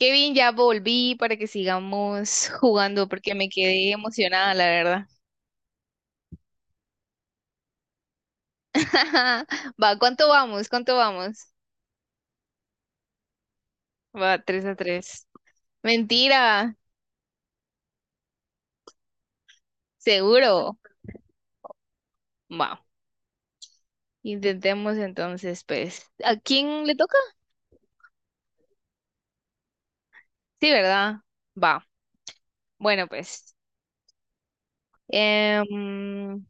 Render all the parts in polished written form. Kevin, ya volví para que sigamos jugando porque me quedé emocionada, la verdad. Va, ¿cuánto vamos? ¿Cuánto vamos? Va, 3-3. Mentira, seguro. Va, intentemos entonces, pues. ¿A quién le toca? Sí, ¿verdad? Va, bueno, pues. em,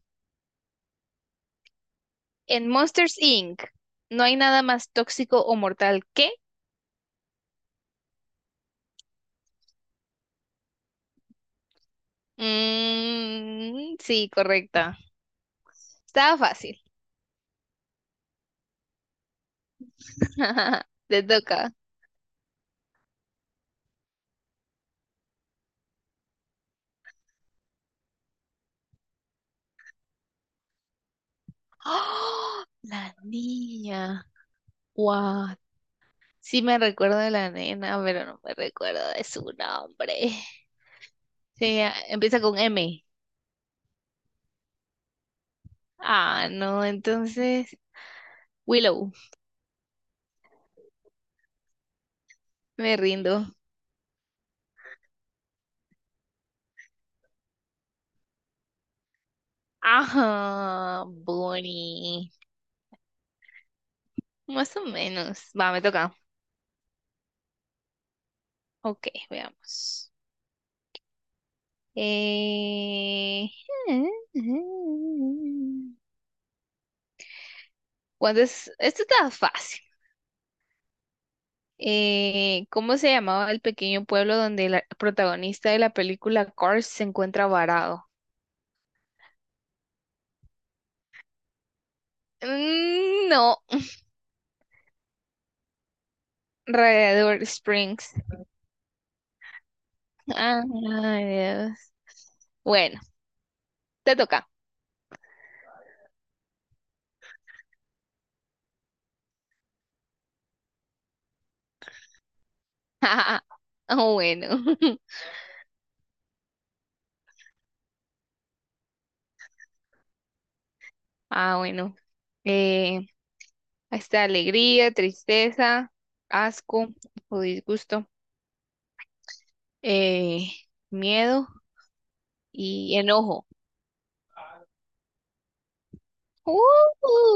en Monsters Inc. no hay nada más tóxico o mortal que... Mm, sí, correcta. Estaba fácil. Te toca. ¡Ah! La niña. Guau. Sí me recuerdo de la nena, pero no me recuerdo de su nombre. Sí, ah, empieza con M. Ah, no, entonces Willow. Me rindo. Ajá, Bonnie. Más o menos. Va, me toca. Ok, veamos. Eh... ¿Cuántas? Esto está fácil. ¿Cómo se llamaba el pequeño pueblo donde el protagonista de la película Cars se encuentra varado? Mm, no. Radiador Springs. Ah, ay, Dios. Bueno, te toca. Ah, bueno. Ah, bueno. Eh, está alegría, tristeza, asco o disgusto, eh, miedo y enojo. ¡Uh!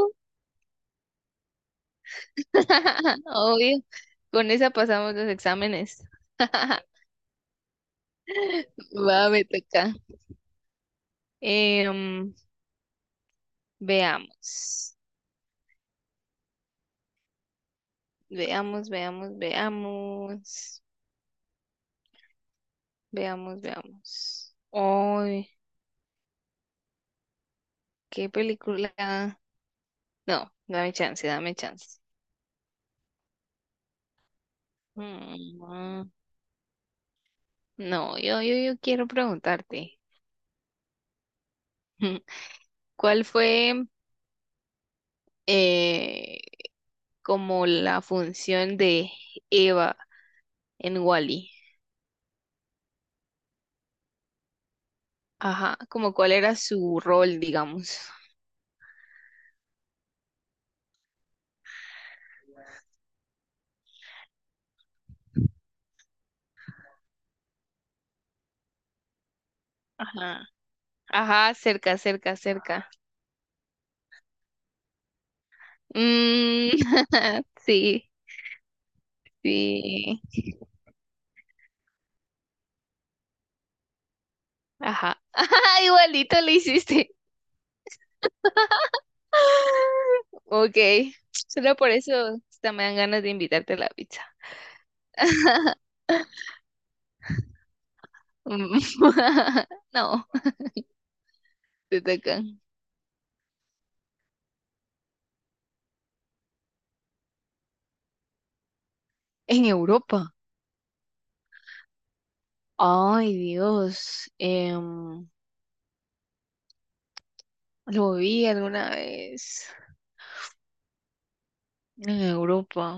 Obvio, con esa pasamos los exámenes. Va, me toca. Eh, mm, veamos, veamos, veamos, veamos, veamos, veamos. Uy, qué película. No, dame chance, dame chance. Mm, no, yo quiero preguntarte. ¿Cuál fue, eh, como la función de Eva en Wally? Ajá, como cuál era su rol, digamos. Ajá, ajá, cerca, cerca, cerca. Mm, sí, sí. Ajá. Ajá, igualito le hiciste. Ok. Solo por eso hasta me dan ganas de invitarte a la pizza. Mm. No, te tocan. En Europa. Ay, Dios. Lo vi alguna vez. En Europa.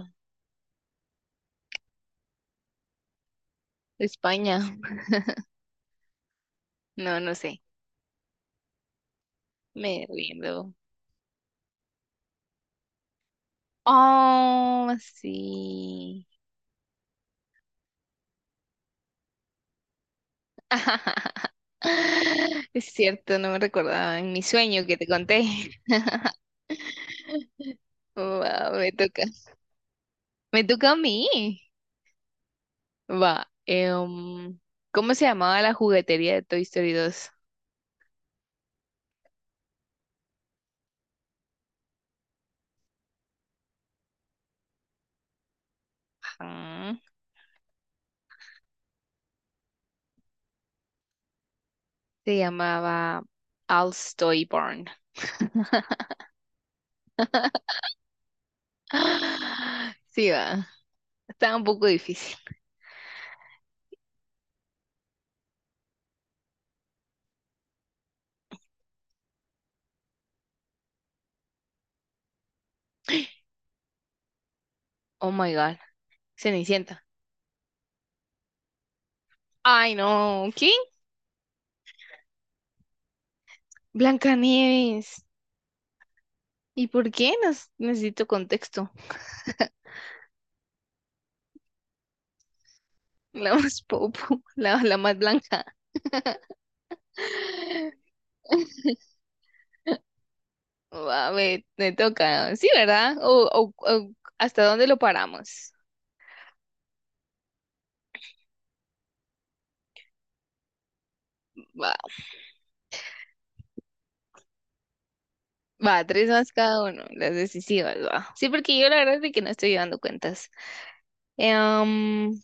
España. No, no sé. Me rindo. Oh, sí. Es cierto, no me recordaba en mi sueño que te conté. Wow, me toca. Me toca a mí. Va. ¿Cómo se llamaba la juguetería de Toy Story 2? Ah, se llamaba Al's Toy Barn. Ah, sí, va. Estaba un poco difícil. Oh my God. Cenicienta. Ay, no. ¿Quién? Blancanieves. ¿Y por qué? Necesito contexto. La más popo, la más blanca. Oh, va, me toca. Sí, ¿verdad? O, ¿hasta dónde lo paramos? Va, va, tres más cada uno, las decisivas, va. Sí, porque yo la verdad es de que no estoy llevando cuentas. Em,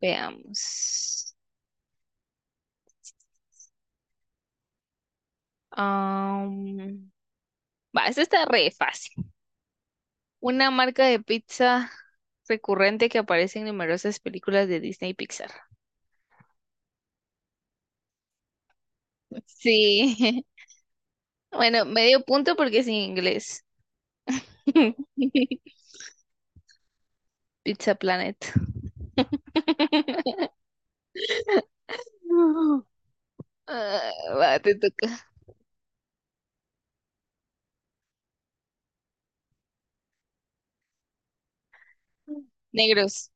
veamos. Am, va, esta está re fácil. Una marca de pizza recurrente que aparece en numerosas películas de Disney y Pixar. Sí. Bueno, medio punto porque es en inglés. Pizza Planet. No. Ah, va, te toca. Negros.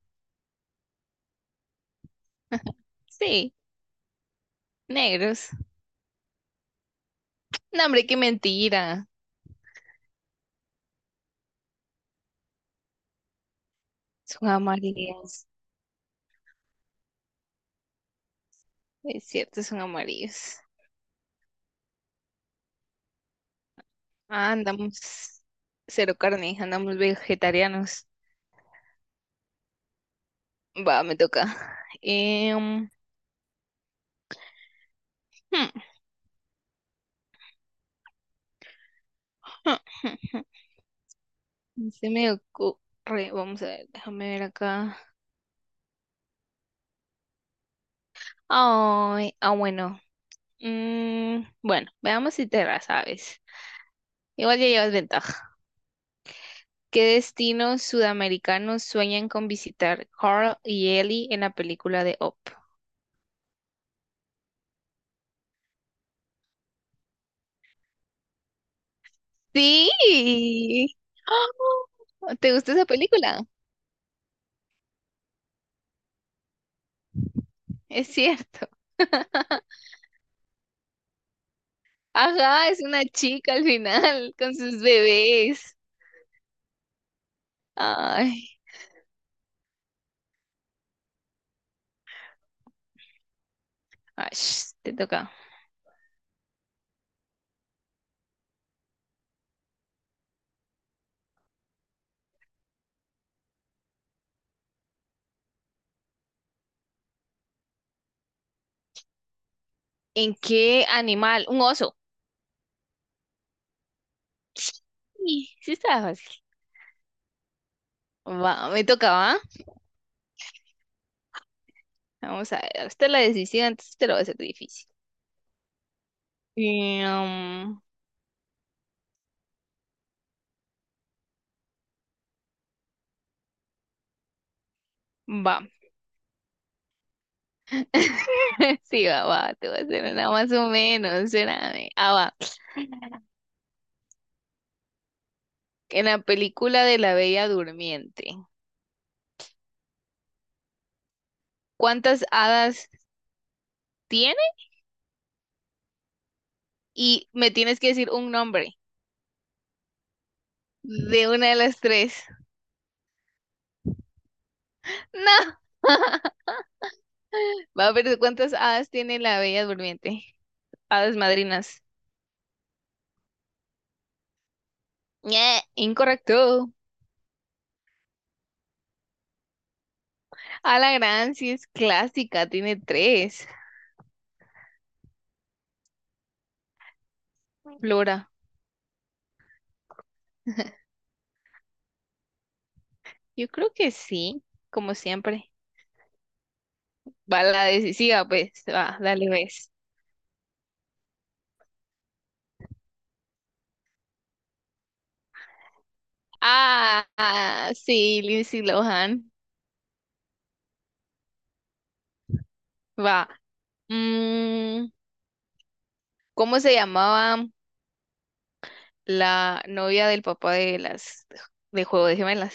Sí, negros. No, hombre, qué mentira. Son amarillos. Es cierto, son amarillos. Ah, andamos cero carne, andamos vegetarianos. Va, me toca. Em, hmm, hmm, hmm, hmm. Se me ocurre. Vamos a ver, déjame ver acá. Ay, ah, bueno. Mm, bueno, veamos si te la sabes. Igual ya llevas ventaja. ¿Qué destinos sudamericanos sueñan con visitar Carl y Ellie en la película de Up? Sí. ¡Ah! ¿Te gusta esa película? Es cierto. Ajá, es una chica al final con sus bebés. Ay, ash, te toca. ¿En qué animal? Un oso. Sí, sí estaba fácil. Va, me tocaba. Vamos a ver. Usted la decisión, antes te lo va a hacer difícil. Em, va. Sí, va, va, te voy a hacer una más o menos, espérame. Ah, va. En la película de la Bella Durmiente, ¿cuántas hadas tiene? Y me tienes que decir un nombre de una de las tres. No. Va, a ver, ¿cuántas hadas tiene la Bella Durmiente? Hadas madrinas. Ñe, incorrecto. A la gran, sí es clásica, tiene tres. Flora. Yo creo que sí, como siempre. Va, la decisiva, pues. Va, dale, ves. Ah, ah, sí, Lindsay Lohan. Va. Mm, ¿cómo se llamaba la novia del papá de las de Juego de Gemelas?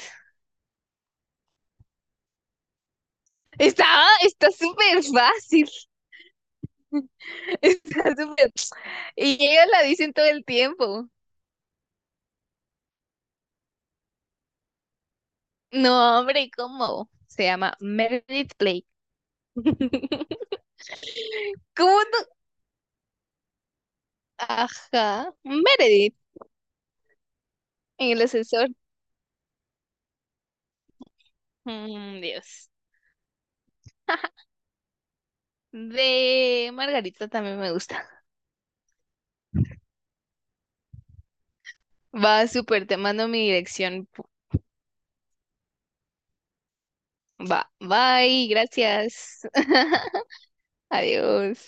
Estaba, está súper fácil. Está súper. Y ellos la dicen todo el tiempo. No, hombre, ¿cómo? Se llama Meredith Blake. ¿Cómo no? Ajá. Meredith, en el ascensor. Mm, Dios. De Margarita también me gusta. Va súper, te mando mi dirección. Va, bye, gracias. Adiós.